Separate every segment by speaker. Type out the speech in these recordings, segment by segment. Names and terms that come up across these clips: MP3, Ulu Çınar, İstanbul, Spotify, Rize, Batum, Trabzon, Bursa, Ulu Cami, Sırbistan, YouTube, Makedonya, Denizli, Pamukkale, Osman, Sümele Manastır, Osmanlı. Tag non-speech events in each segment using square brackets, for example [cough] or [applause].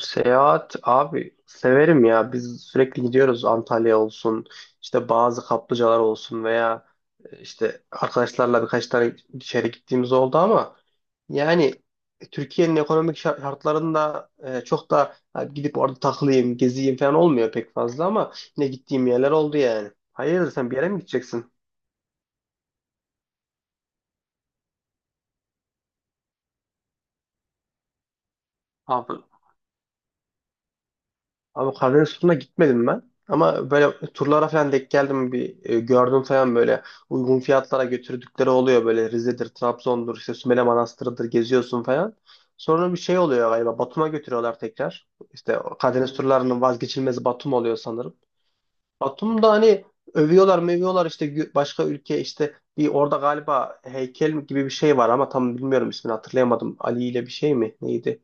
Speaker 1: Seyahat abi severim ya. Biz sürekli gidiyoruz Antalya olsun, işte bazı kaplıcalar olsun veya işte arkadaşlarla birkaç tane dışarı gittiğimiz oldu ama yani Türkiye'nin ekonomik şartlarında çok da gidip orada takılayım, geziyim falan olmuyor pek fazla ama yine gittiğim yerler oldu yani. Hayırdır sen bir yere mi gideceksin? Abi Abi Karadeniz turuna gitmedim ben. Ama böyle turlara falan denk geldim bir gördüm falan böyle uygun fiyatlara götürdükleri oluyor böyle Rize'dir, Trabzon'dur, işte Sümele Manastır'dır geziyorsun falan. Sonra bir şey oluyor galiba Batum'a götürüyorlar tekrar. İşte o Karadeniz turlarının vazgeçilmezi Batum oluyor sanırım. Batum'da hani övüyorlar mövüyorlar işte başka ülke işte bir orada galiba heykel gibi bir şey var ama tam bilmiyorum ismini hatırlayamadım. Ali ile bir şey mi neydi?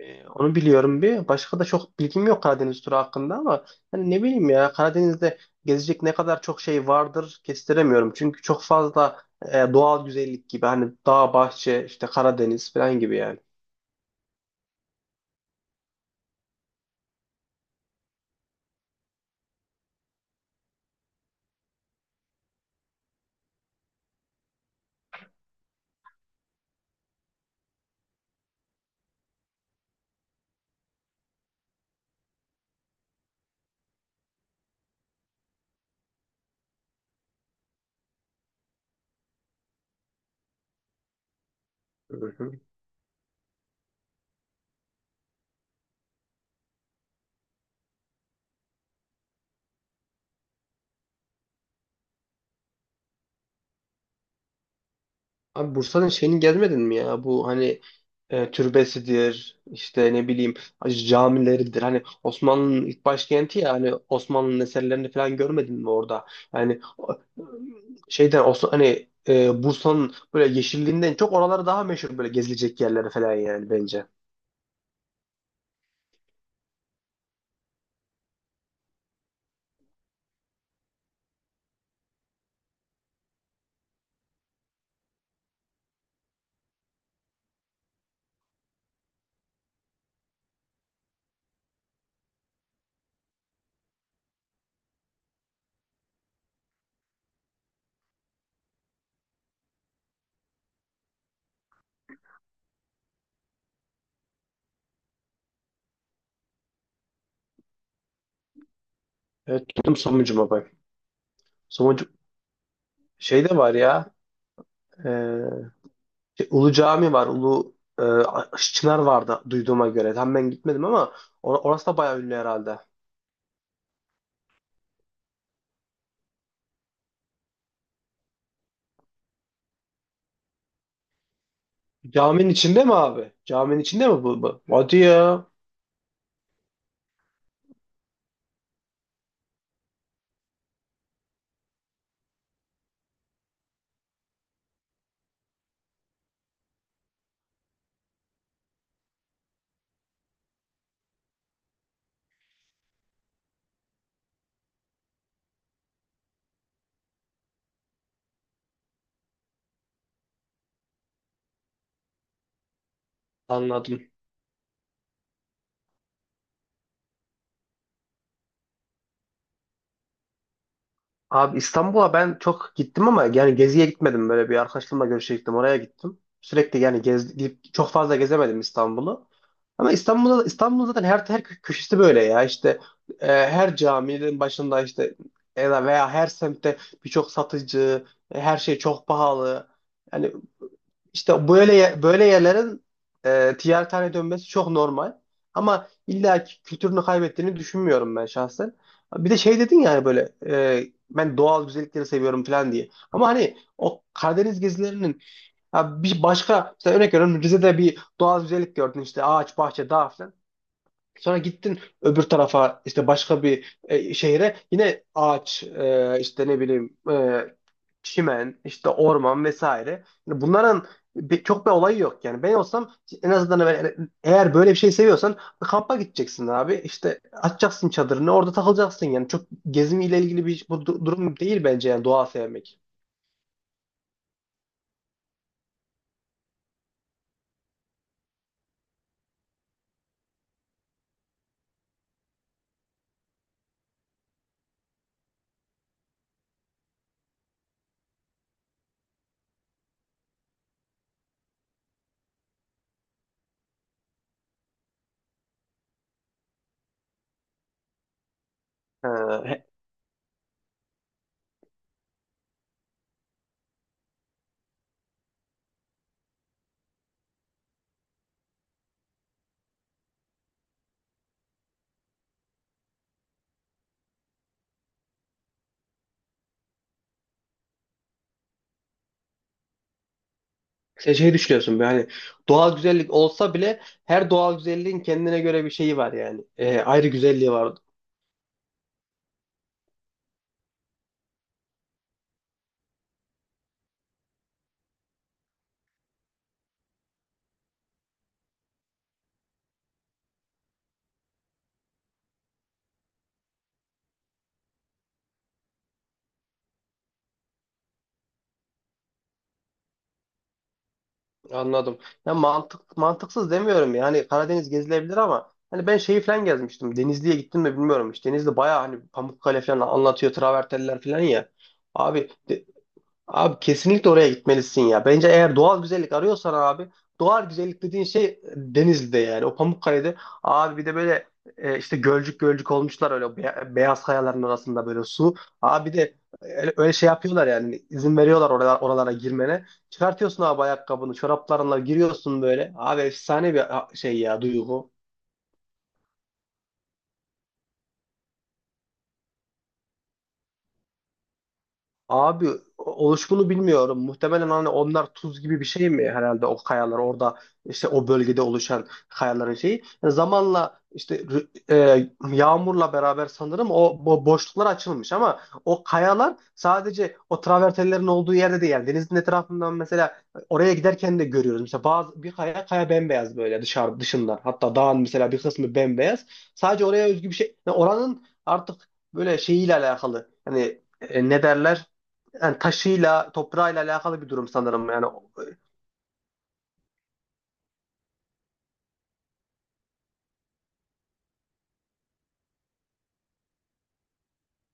Speaker 1: Onu biliyorum bir. Başka da çok bilgim yok Karadeniz turu hakkında ama hani ne bileyim ya Karadeniz'de gezecek ne kadar çok şey vardır kestiremiyorum. Çünkü çok fazla doğal güzellik gibi hani dağ, bahçe, işte Karadeniz falan gibi yani. Hı hı. Abi Bursa'nın şeyini gezmedin mi ya? Bu hani türbesidir, işte ne bileyim camileridir. Hani Osmanlı'nın ilk başkenti ya hani Osmanlı'nın eserlerini falan görmedin mi orada? Yani şeyden Osman, hani Bursa'nın böyle yeşilliğinden çok oraları daha meşhur böyle gezilecek yerleri falan yani bence. Evet gittim Somuncu'ma bak. Somuncu şey de var ya e, şey, Ulu Cami var Ulu Çınar vardı duyduğuma göre. Tam ben gitmedim ama orası da bayağı ünlü herhalde. Caminin içinde mi abi? Caminin içinde mi bu? Bu? Hadi ya. Anladım. Abi İstanbul'a ben çok gittim ama yani geziye gitmedim. Böyle bir arkadaşlarımla görüşe gittim. Oraya gittim. Sürekli yani gez, gidip çok fazla gezemedim İstanbul'u. Ama İstanbul'da İstanbul zaten her köşesi böyle ya. İşte her caminin başında işte ya da veya her semtte birçok satıcı, her şey çok pahalı. Yani İşte böyle yerlerin ticaret haline dönmesi çok normal. Ama illa ki kültürünü kaybettiğini düşünmüyorum ben şahsen. Bir de şey dedin yani böyle ben doğal güzellikleri seviyorum falan diye. Ama hani o Karadeniz gezilerinin ya bir başka mesela örnek veriyorum Rize'de bir doğal güzellik gördün işte ağaç, bahçe, dağ falan. Sonra gittin öbür tarafa işte başka bir şehre yine ağaç işte ne bileyim çimen işte orman vesaire. Yani bunların çok bir olayı yok yani. Ben olsam en azından eğer böyle bir şey seviyorsan bir kampa gideceksin abi. İşte açacaksın çadırını orada takılacaksın yani. Çok gezimiyle ilgili bir durum değil bence yani doğa sevmek. Ha, he- sen şey düşünüyorsun böyle hani doğal güzellik olsa bile her doğal güzelliğin kendine göre bir şeyi var yani. Ayrı güzelliği var. Anladım. Ya mantık mantıksız demiyorum yani Karadeniz gezilebilir ama hani ben şeyi falan gezmiştim. Denizli'ye gittim mi bilmiyorum. İşte Denizli bayağı hani Pamukkale falan anlatıyor travertenler falan ya. Abi de- Abi kesinlikle oraya gitmelisin ya. Bence eğer doğal güzellik arıyorsan abi doğal güzellik dediğin şey Denizli'de yani o Pamukkale'de abi bir de böyle işte gölcük gölcük olmuşlar öyle beyaz kayaların arasında böyle su. Abi bir de öyle şey yapıyorlar yani izin veriyorlar oralara girmene. Çıkartıyorsun abi ayakkabını çoraplarınla giriyorsun böyle. Abi efsane bir şey ya duygu. Abi oluşumunu bilmiyorum. Muhtemelen hani onlar tuz gibi bir şey mi herhalde o kayalar orada işte o bölgede oluşan kayaların şeyi. Yani zamanla işte yağmurla beraber sanırım o boşluklar açılmış ama o kayalar sadece o travertenlerin olduğu yerde değil. Yani denizin etrafından mesela oraya giderken de görüyoruz. Mesela bazı bir kaya bembeyaz böyle dışından. Hatta dağın mesela bir kısmı bembeyaz. Sadece oraya özgü bir şey. Yani oranın artık böyle şeyiyle alakalı. Hani ne derler? Yani taşıyla, toprağıyla alakalı bir durum sanırım. Yani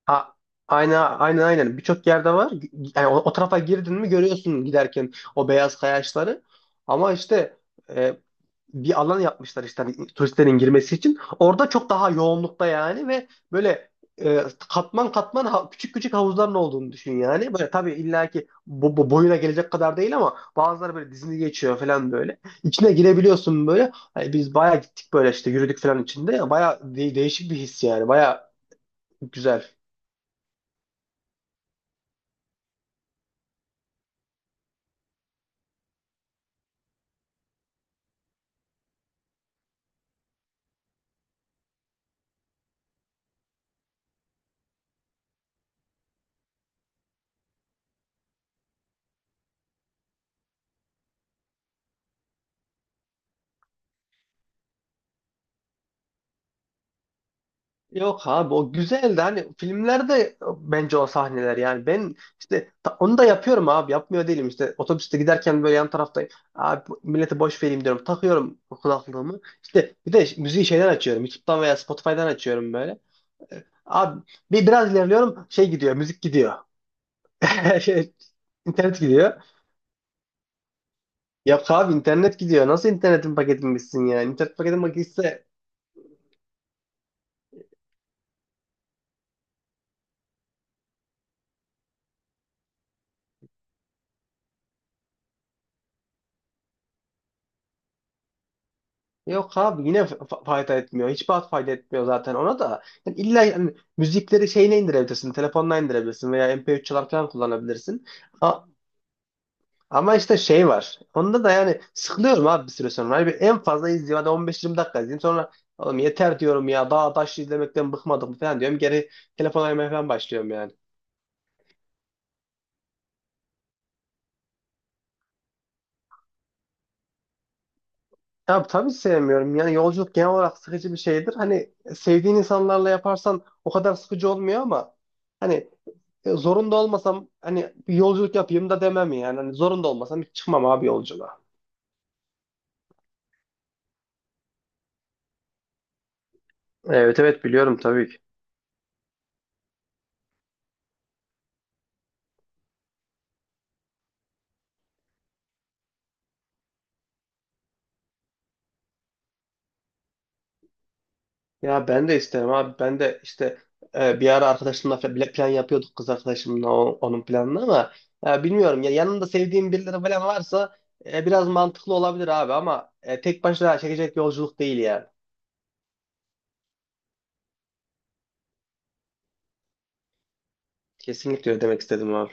Speaker 1: ha, aynen aynen aynen birçok yerde var. Yani o, o tarafa girdin mi görüyorsun giderken o beyaz kayaçları. Ama işte e, bir alan yapmışlar işte hani turistlerin girmesi için. Orada çok daha yoğunlukta yani ve böyle e, katman katman küçük küçük havuzların olduğunu düşün yani. Böyle tabii illaki bu boyuna gelecek kadar değil ama bazıları böyle dizini geçiyor falan böyle. İçine girebiliyorsun böyle. Hani biz bayağı gittik böyle işte yürüdük falan içinde. Bayağı değişik bir his yani. Bayağı güzel. Yok abi o güzeldi hani filmlerde bence o sahneler yani ben işte onu da yapıyorum abi yapmıyor değilim işte otobüste giderken böyle yan taraftayım abi millete boş vereyim diyorum takıyorum kulaklığımı işte bir de müziği şeyden açıyorum YouTube'dan veya Spotify'dan açıyorum böyle. Abi bir biraz ilerliyorum şey gidiyor müzik gidiyor [laughs] şey, internet gidiyor. Yok abi internet gidiyor nasıl internetin paketini bilsin yani internet paketin gitse. Yok abi yine fayda etmiyor. Hiçbir hat fayda etmiyor zaten ona da. Yani illa yani müzikleri şeyine indirebilirsin. Telefonla indirebilirsin veya MP3 çalarken kullanabilirsin. A- ama işte şey var. Onda da yani sıkılıyorum abi bir süre sonra. Hani bir en fazla izliyorum. Hadi 15-20 dakika izleyeyim. Sonra oğlum yeter diyorum ya. Daha taş izlemekten bıkmadım mı falan diyorum. Geri telefon oynamaya falan başlıyorum yani. Ya tabii sevmiyorum. Yani yolculuk genel olarak sıkıcı bir şeydir. Hani sevdiğin insanlarla yaparsan o kadar sıkıcı olmuyor ama hani ya zorunda olmasam hani bir yolculuk yapayım da demem yani. Hani zorunda olmasam hiç çıkmam abi yolculuğa. Evet evet biliyorum tabii ki. Ya ben de isterim abi. Ben de işte bir ara arkadaşımla plan yapıyorduk kız arkadaşımla onun planını ama bilmiyorum ya yanında sevdiğim birileri falan varsa biraz mantıklı olabilir abi ama tek başına çekecek yolculuk değil yani. Kesinlikle öyle demek istedim abi.